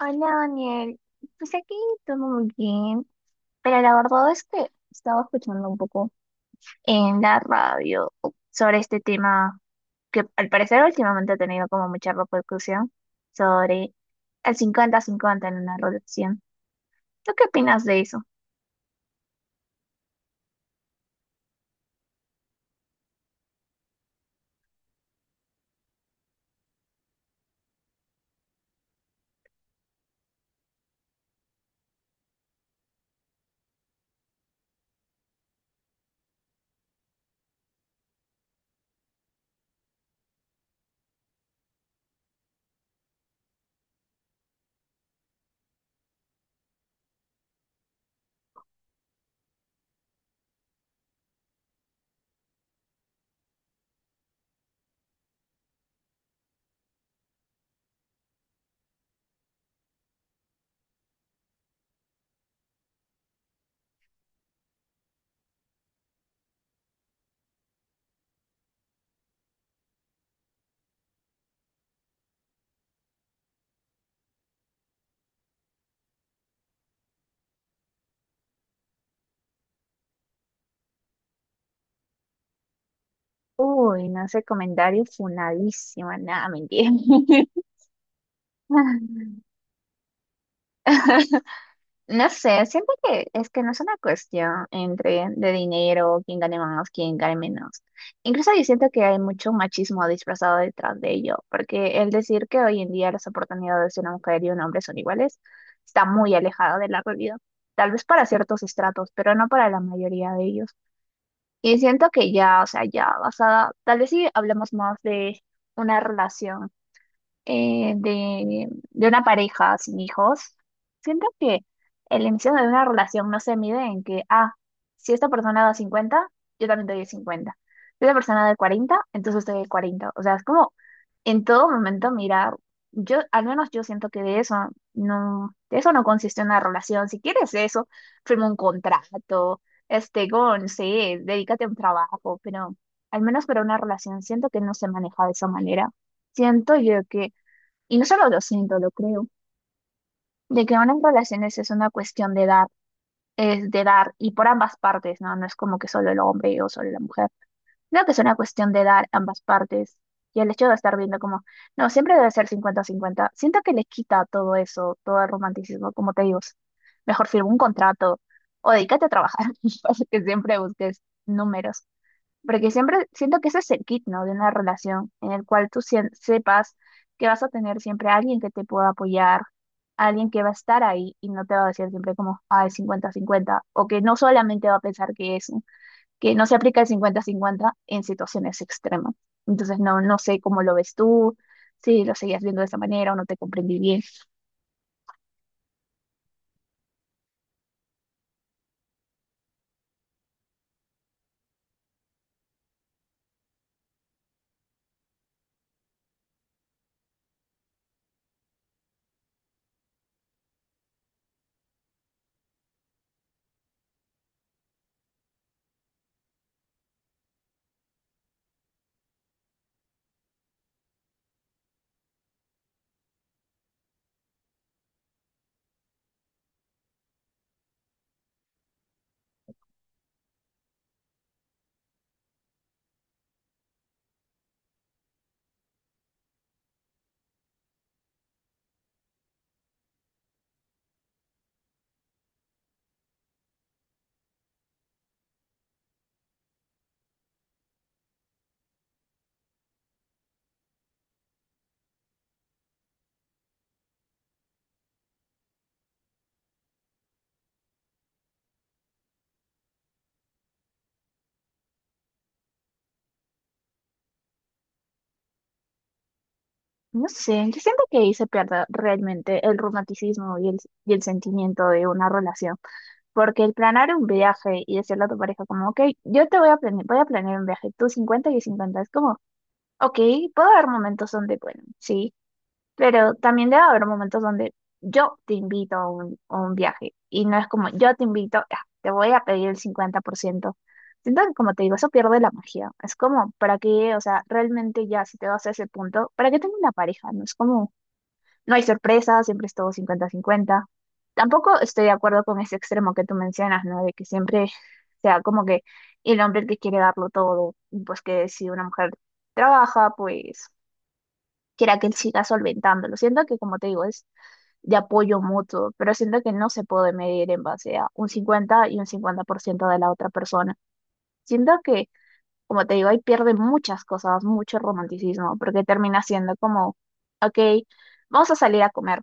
Hola Daniel, pues aquí todo muy bien, pero la verdad es que estaba escuchando un poco en la radio sobre este tema que al parecer últimamente ha tenido como mucha repercusión sobre el 50 cincuenta en una relación. ¿Tú qué opinas de eso? Uy, no sé, comentario funadísimo, nada, mentira. No sé, siento que es que no es una cuestión entre de dinero, quién gane más, quién gane menos. Incluso yo siento que hay mucho machismo disfrazado detrás de ello, porque el decir que hoy en día las oportunidades de una mujer y un hombre son iguales está muy alejado de la realidad. Tal vez para ciertos estratos, pero no para la mayoría de ellos. Y siento que ya, o sea, ya basada, tal vez si hablamos más de una relación de una pareja sin hijos, siento que el inicio de una relación no se mide en que, ah, si esta persona da 50 yo también doy el 50. Si esta persona da el 40, entonces doy el cuarenta. O sea, es como en todo momento mirar, yo, al menos yo siento que de eso no consiste una relación. Si quieres eso, firma un contrato, este, con, no sé, dedícate a un trabajo, pero al menos para una relación siento que no se maneja de esa manera. Siento yo que, y no solo lo siento, lo creo, de que ahora en relaciones es una cuestión de dar, es de dar, y por ambas partes, ¿no? No es como que solo el hombre o solo la mujer. Creo que es una cuestión de dar ambas partes. Y el hecho de estar viendo como, no, siempre debe ser cincuenta cincuenta. Siento que le quita todo eso, todo el romanticismo, como te digo. Mejor firma un contrato o dedícate a trabajar, para que siempre busques números. Porque siempre siento que ese es el kit, ¿no? De una relación en el cual tú sepas que vas a tener siempre a alguien que te pueda apoyar, alguien que va a estar ahí y no te va a decir siempre como, ah, es cincuenta-cincuenta, o que no solamente va a pensar que es, que no se aplica el cincuenta-cincuenta en situaciones extremas. Entonces, no, no sé cómo lo ves tú, si lo seguías viendo de esa manera o no te comprendí bien. No sé, yo siento que ahí se pierde realmente el romanticismo y y el sentimiento de una relación. Porque el planear un viaje y decirle a tu pareja como, ok, yo te voy a planear un viaje, tú 50 y yo 50, es como, ok, puede haber momentos donde, bueno, sí, pero también debe haber momentos donde yo te invito a un viaje y no es como, yo te invito, ah, te voy a pedir el cincuenta por ciento. Siento que, como te digo, eso pierde la magia. Es como, ¿para qué? O sea, realmente ya si te vas a ese punto, ¿para qué tengo una pareja? No es como, no hay sorpresas, siempre es todo cincuenta cincuenta. Tampoco estoy de acuerdo con ese extremo que tú mencionas, ¿no? De que siempre sea como que el hombre el que quiere darlo todo, y pues que si una mujer trabaja, pues quiera que él siga solventándolo. Siento que, como te digo, es de apoyo mutuo, pero siento que no se puede medir en base a un 50 y un 50% de la otra persona. Siento que, como te digo, ahí pierde muchas cosas, mucho romanticismo, porque termina siendo como, ok, vamos a salir a comer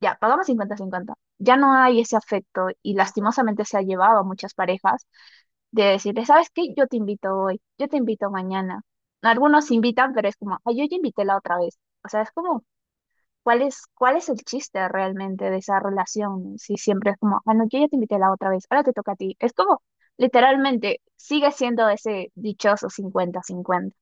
ya, pagamos cincuenta cincuenta. Ya no hay ese afecto y lastimosamente se ha llevado a muchas parejas de decirle, ¿sabes qué? Yo te invito hoy, yo te invito mañana. Algunos invitan, pero es como, ay, yo ya invité la otra vez. O sea, es como, ¿cuál es el chiste realmente de esa relación? Si siempre es como, ah, no, yo ya te invité la otra vez, ahora te toca a ti. Es como, literalmente, sigue siendo ese dichoso cincuenta cincuenta.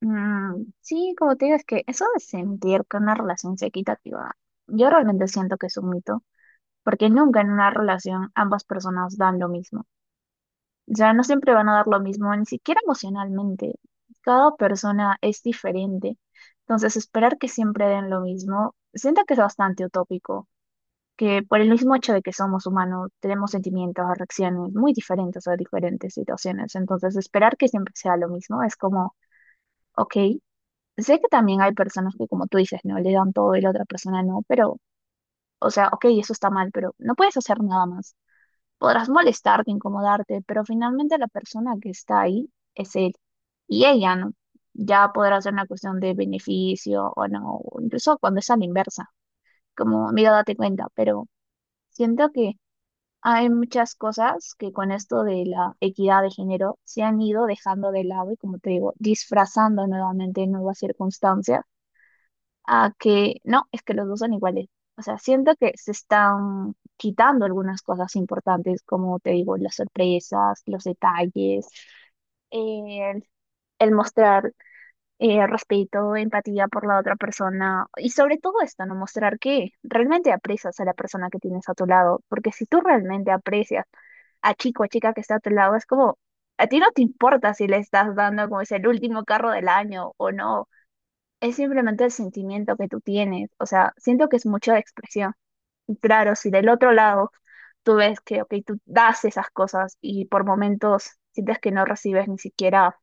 Mm, sí, como te digo, es que eso de sentir que una relación sea equitativa, yo realmente siento que es un mito. Porque nunca en una relación ambas personas dan lo mismo. O sea, no siempre van a dar lo mismo, ni siquiera emocionalmente. Cada persona es diferente. Entonces, esperar que siempre den lo mismo, siento que es bastante utópico, que por el mismo hecho de que somos humanos, tenemos sentimientos, reacciones muy diferentes a diferentes situaciones. Entonces, esperar que siempre sea lo mismo es como, ok, sé que también hay personas que, como tú dices, no le dan todo y la otra persona no, pero, o sea, ok, eso está mal, pero no puedes hacer nada más. Podrás molestarte, incomodarte, pero finalmente la persona que está ahí es él y ella, ¿no? Ya podrá ser una cuestión de beneficio o no, o incluso cuando es a la inversa, como, mira, date cuenta, pero siento que hay muchas cosas que con esto de la equidad de género se han ido dejando de lado y, como te digo, disfrazando nuevamente nuevas circunstancias a que no, es que los dos son iguales. O sea, siento que se están quitando algunas cosas importantes, como te digo, las sorpresas, los detalles, el, el mostrar respeto, empatía por la otra persona y sobre todo esto, no mostrar que realmente aprecias a la persona que tienes a tu lado, porque si tú realmente aprecias a chico o chica que está a tu lado, es como, a ti no te importa si le estás dando como es el último carro del año o no, es simplemente el sentimiento que tú tienes. O sea, siento que es mucho de expresión. Y claro, si del otro lado tú ves que, ok, tú das esas cosas y por momentos sientes que no recibes ni siquiera,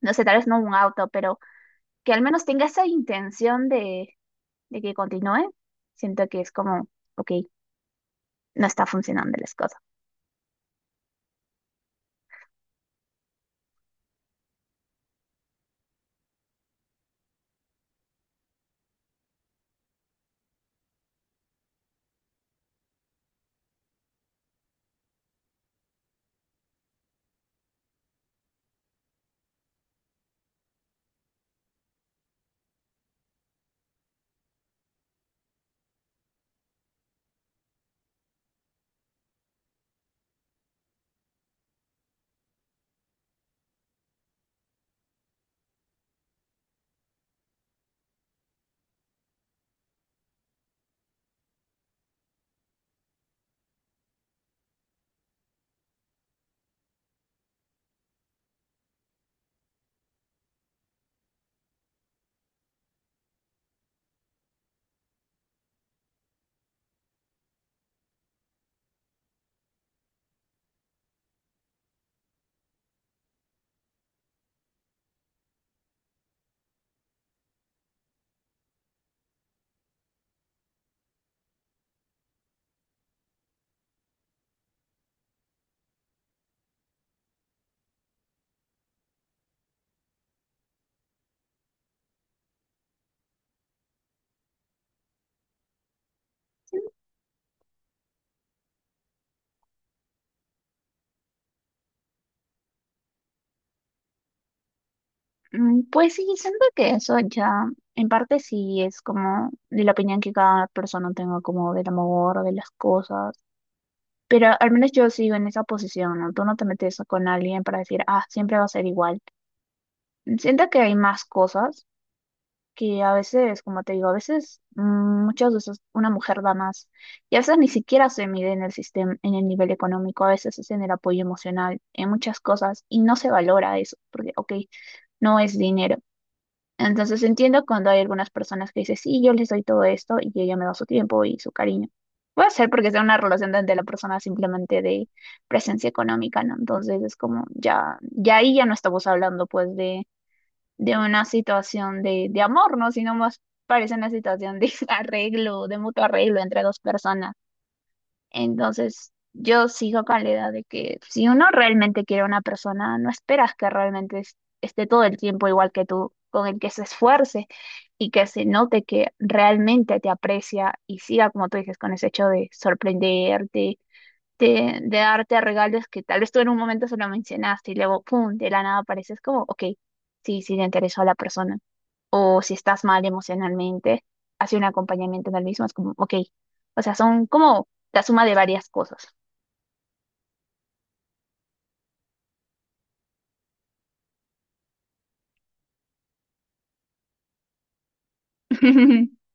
no sé, tal vez no un auto, pero que al menos tenga esa intención de que continúe, siento que es como, ok, no está funcionando las cosas. Mm, pues sí, siento que eso ya, en parte sí es como de la opinión que cada persona tenga como del amor, de las cosas. Pero al menos yo sigo en esa posición, ¿no? Tú no te metes con alguien para decir, ah, siempre va a ser igual. Siento que hay más cosas que a veces, como te digo, a veces mm, muchas veces una mujer da más y a veces ni siquiera se mide en el sistema, en el nivel económico, a veces es en el apoyo emocional, en muchas cosas y no se valora eso, porque, ok, no es dinero. Entonces entiendo cuando hay algunas personas que dicen, sí, yo les doy todo esto y ella me da su tiempo y su cariño. Puede ser porque sea una relación donde la persona simplemente de presencia económica, ¿no? Entonces es como, ya, ya ahí ya no estamos hablando pues de una situación de amor, ¿no? Sino más parece una situación de arreglo, de mutuo arreglo entre dos personas. Entonces, yo sigo con la idea de que si uno realmente quiere a una persona, no esperas que realmente esté todo el tiempo igual que tú, con el que se esfuerce y que se note que realmente te aprecia y siga, como tú dices, con ese hecho de sorprenderte, de darte regalos que tal vez tú en un momento se lo mencionaste y luego, pum, de la nada apareces como, ok, sí, sí, le interesó a la persona, o si estás mal emocionalmente, hacer un acompañamiento en el mismo es como, ok, o sea, son como la suma de varias cosas.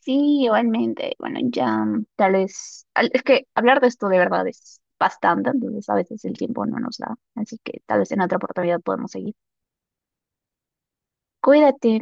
Sí, igualmente, bueno, ya mm, tal vez, al- es que hablar de esto de verdad es bastante, entonces a veces el tiempo no nos da, así que tal vez en otra oportunidad podemos seguir. Cuídate.